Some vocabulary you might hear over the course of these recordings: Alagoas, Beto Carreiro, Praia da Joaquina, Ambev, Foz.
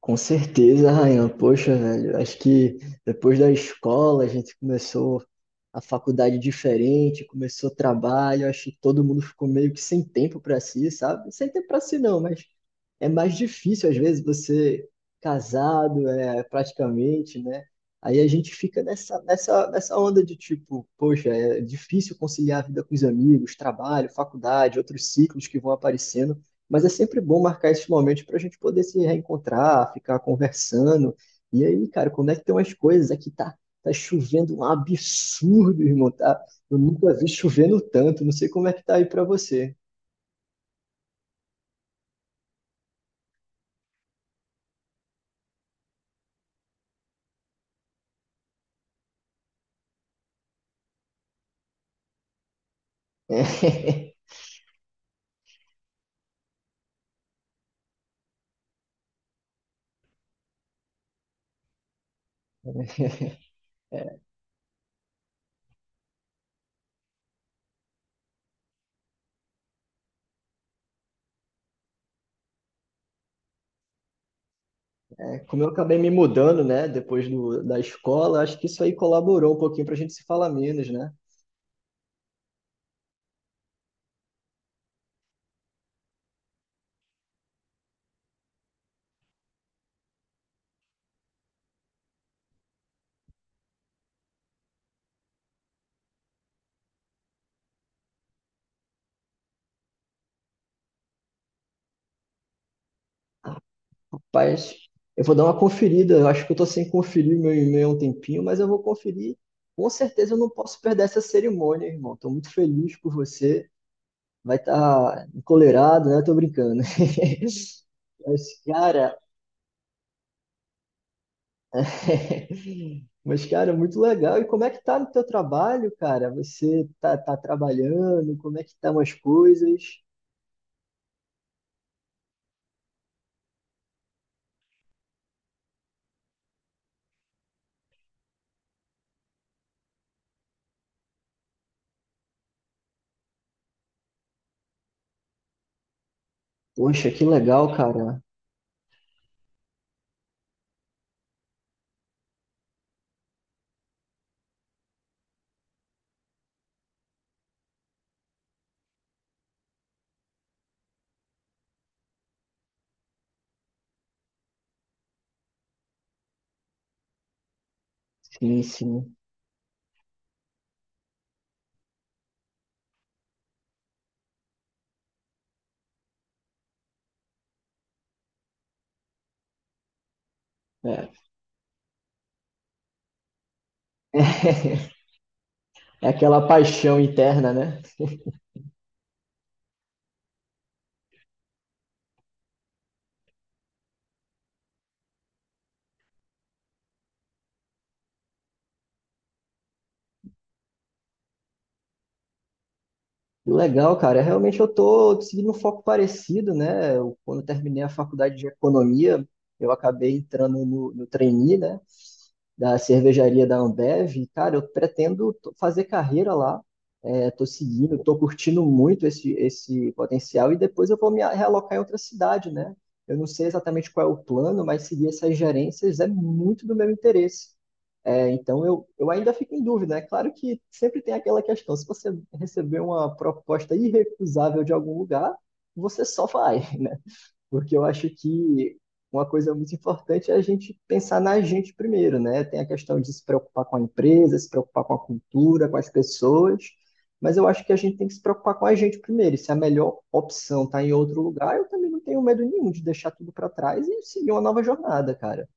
Com certeza, Rayan. Poxa, velho, acho que depois da escola a gente começou a faculdade diferente, começou trabalho, acho que todo mundo ficou meio que sem tempo para si, sabe? Sem tempo para si não, mas é mais difícil às vezes você casado, é, praticamente, né? Aí a gente fica nessa onda de tipo, poxa, é difícil conciliar a vida com os amigos, trabalho, faculdade, outros ciclos que vão aparecendo. Mas é sempre bom marcar esses momentos para a gente poder se reencontrar, ficar conversando. E aí, cara, como é que tem umas coisas? Aqui tá chovendo um absurdo, irmão. Tá? Eu nunca vi chovendo tanto. Não sei como é que tá aí para você. É, como eu acabei me mudando, né, depois da escola, acho que isso aí colaborou um pouquinho para a gente se falar menos, né? Rapaz, eu vou dar uma conferida. Eu acho que eu tô sem conferir meu e-mail há um tempinho, mas eu vou conferir. Com certeza eu não posso perder essa cerimônia, irmão. Tô muito feliz por você. Vai estar encolerado, né? Tô brincando. Mas, cara, mas, cara, muito legal. E como é que tá no teu trabalho, cara? Você tá trabalhando? Como é que estão as coisas? Poxa, que legal, cara. Sim, sim. É. É aquela paixão interna, né? E o legal, cara. É realmente eu tô seguindo um foco parecido, né? Eu, quando eu terminei a faculdade de economia, eu acabei entrando no trainee, né? Da cervejaria da Ambev. E, cara, eu pretendo fazer carreira lá. É, tô seguindo, tô curtindo muito esse potencial e depois eu vou me realocar em outra cidade, né? Eu não sei exatamente qual é o plano, mas seguir essas gerências é muito do meu interesse. É, então eu ainda fico em dúvida. É claro que sempre tem aquela questão, se você receber uma proposta irrecusável de algum lugar, você só vai, né? Porque eu acho que uma coisa muito importante é a gente pensar na gente primeiro, né? Tem a questão de se preocupar com a empresa, se preocupar com a cultura, com as pessoas, mas eu acho que a gente tem que se preocupar com a gente primeiro. E se a melhor opção está em outro lugar, eu também não tenho medo nenhum de deixar tudo para trás e seguir uma nova jornada, cara.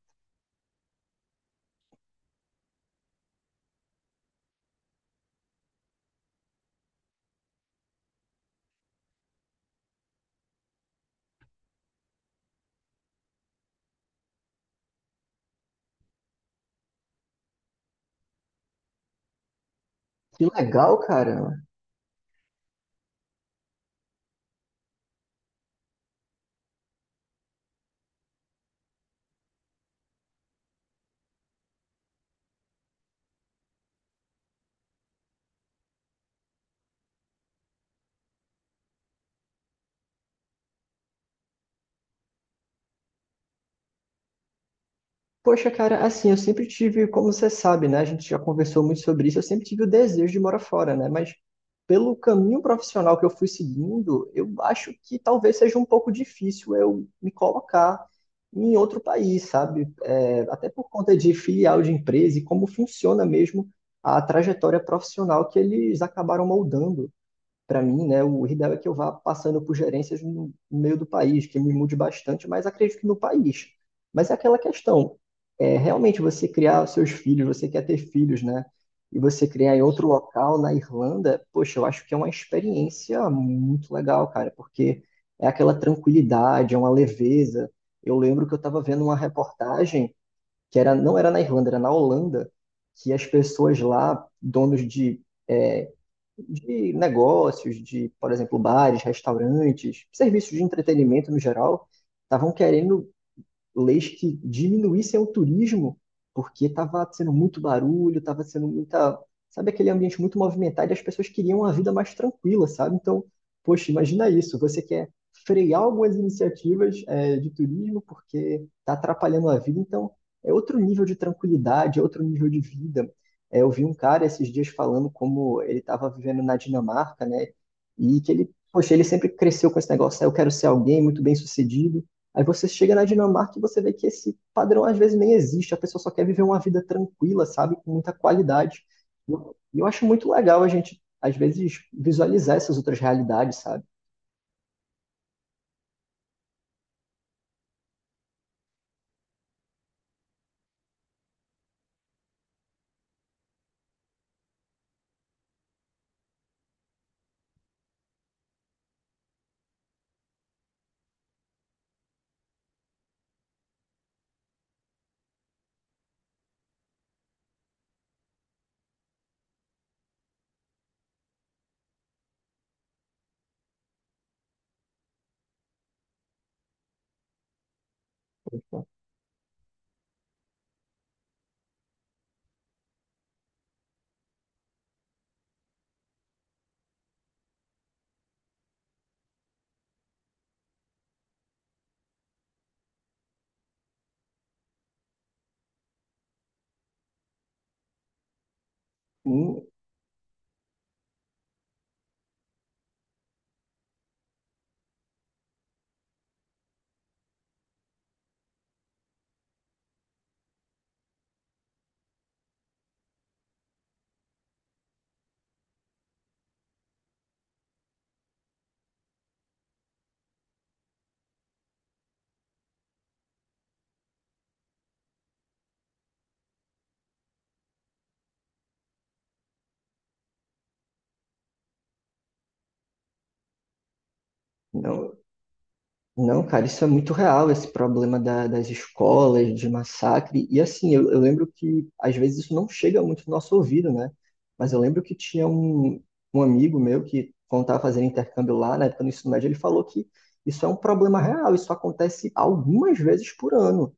Que legal, cara. Poxa, cara, assim, eu sempre tive, como você sabe, né? A gente já conversou muito sobre isso, eu sempre tive o desejo de morar fora, né? Mas pelo caminho profissional que eu fui seguindo, eu acho que talvez seja um pouco difícil eu me colocar em outro país, sabe? É, até por conta de filial de empresa e como funciona mesmo a trajetória profissional que eles acabaram moldando para mim, né, o ideal é que eu vá passando por gerências no meio do país, que me mude bastante, mas acredito que no país. Mas é aquela questão, é, realmente você criar os seus filhos, você quer ter filhos, né? E você criar em outro local, na Irlanda, poxa, eu acho que é uma experiência muito legal, cara, porque é aquela tranquilidade, é uma leveza. Eu lembro que eu estava vendo uma reportagem que era, não era na Irlanda, era na Holanda, que as pessoas lá, donos de negócios, de, por exemplo, bares, restaurantes, serviços de entretenimento no geral, estavam querendo leis que diminuíssem o turismo, porque estava sendo muito barulho, estava sendo muita. Sabe aquele ambiente muito movimentado e as pessoas queriam uma vida mais tranquila, sabe? Então, poxa, imagina isso. Você quer frear algumas iniciativas, é, de turismo porque está atrapalhando a vida, então é outro nível de tranquilidade, é outro nível de vida. É, eu vi um cara esses dias falando como ele estava vivendo na Dinamarca, né? E que ele, poxa, ele sempre cresceu com esse negócio, "Ah, eu quero ser alguém muito bem-sucedido." Aí você chega na Dinamarca e você vê que esse padrão às vezes nem existe, a pessoa só quer viver uma vida tranquila, sabe, com muita qualidade. E eu acho muito legal a gente, às vezes, visualizar essas outras realidades, sabe? Então, hum, não, não, cara, isso é muito real, esse problema das escolas, de massacre. E assim, eu lembro que às vezes isso não chega muito no nosso ouvido, né? Mas eu lembro que tinha um amigo meu que, quando estava fazendo intercâmbio lá, na época do ensino médio, ele falou que isso é um problema real, isso acontece algumas vezes por ano.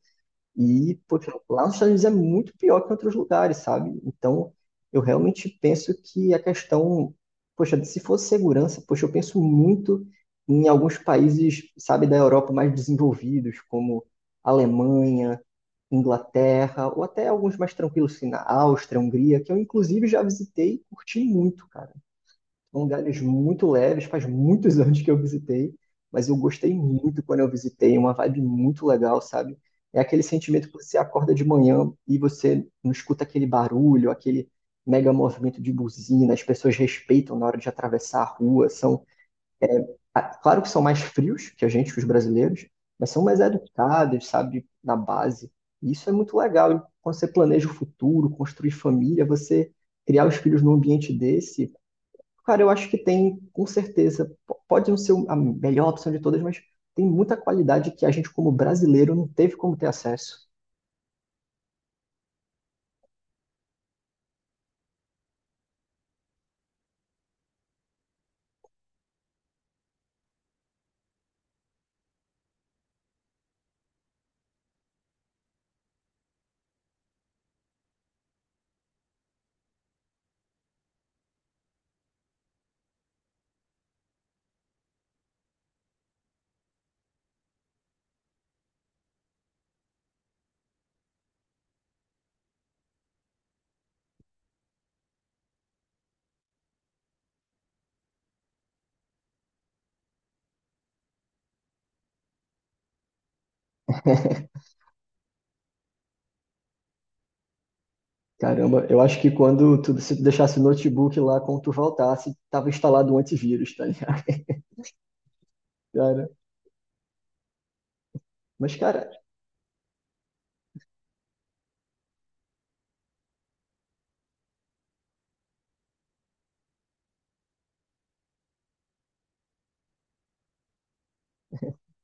E, poxa, lá nos Estados Unidos é muito pior que em outros lugares, sabe? Então, eu realmente penso que a questão, poxa, se fosse segurança, poxa, eu penso muito em alguns países, sabe, da Europa mais desenvolvidos, como Alemanha, Inglaterra, ou até alguns mais tranquilos, assim, na Áustria, Hungria, que eu inclusive já visitei e curti muito, cara, lugares muito leves, faz muitos anos que eu visitei, mas eu gostei muito quando eu visitei, uma vibe muito legal, sabe? É aquele sentimento que você acorda de manhã e você não escuta aquele barulho, aquele mega movimento de buzina, as pessoas respeitam na hora de atravessar a rua, são, ah, claro que são mais frios que a gente, que os brasileiros, mas são mais educados, sabe, na base. E isso é muito legal. E quando você planeja o futuro, construir família, você criar os filhos num ambiente desse, cara, eu acho que tem, com certeza. Pode não ser a melhor opção de todas, mas tem muita qualidade que a gente, como brasileiro, não teve como ter acesso. Caramba, eu acho que quando tu, se tu deixasse o notebook lá, quando tu voltasse, tava instalado um antivírus, tá ligado? Cara, mas, cara,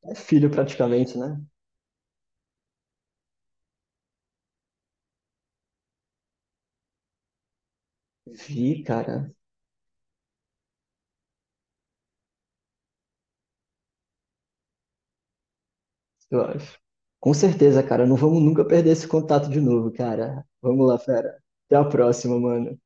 é filho praticamente, né? Vi, cara, eu acho. Com certeza, cara, não vamos nunca perder esse contato de novo, cara. Vamos lá, fera. Até a próxima, mano.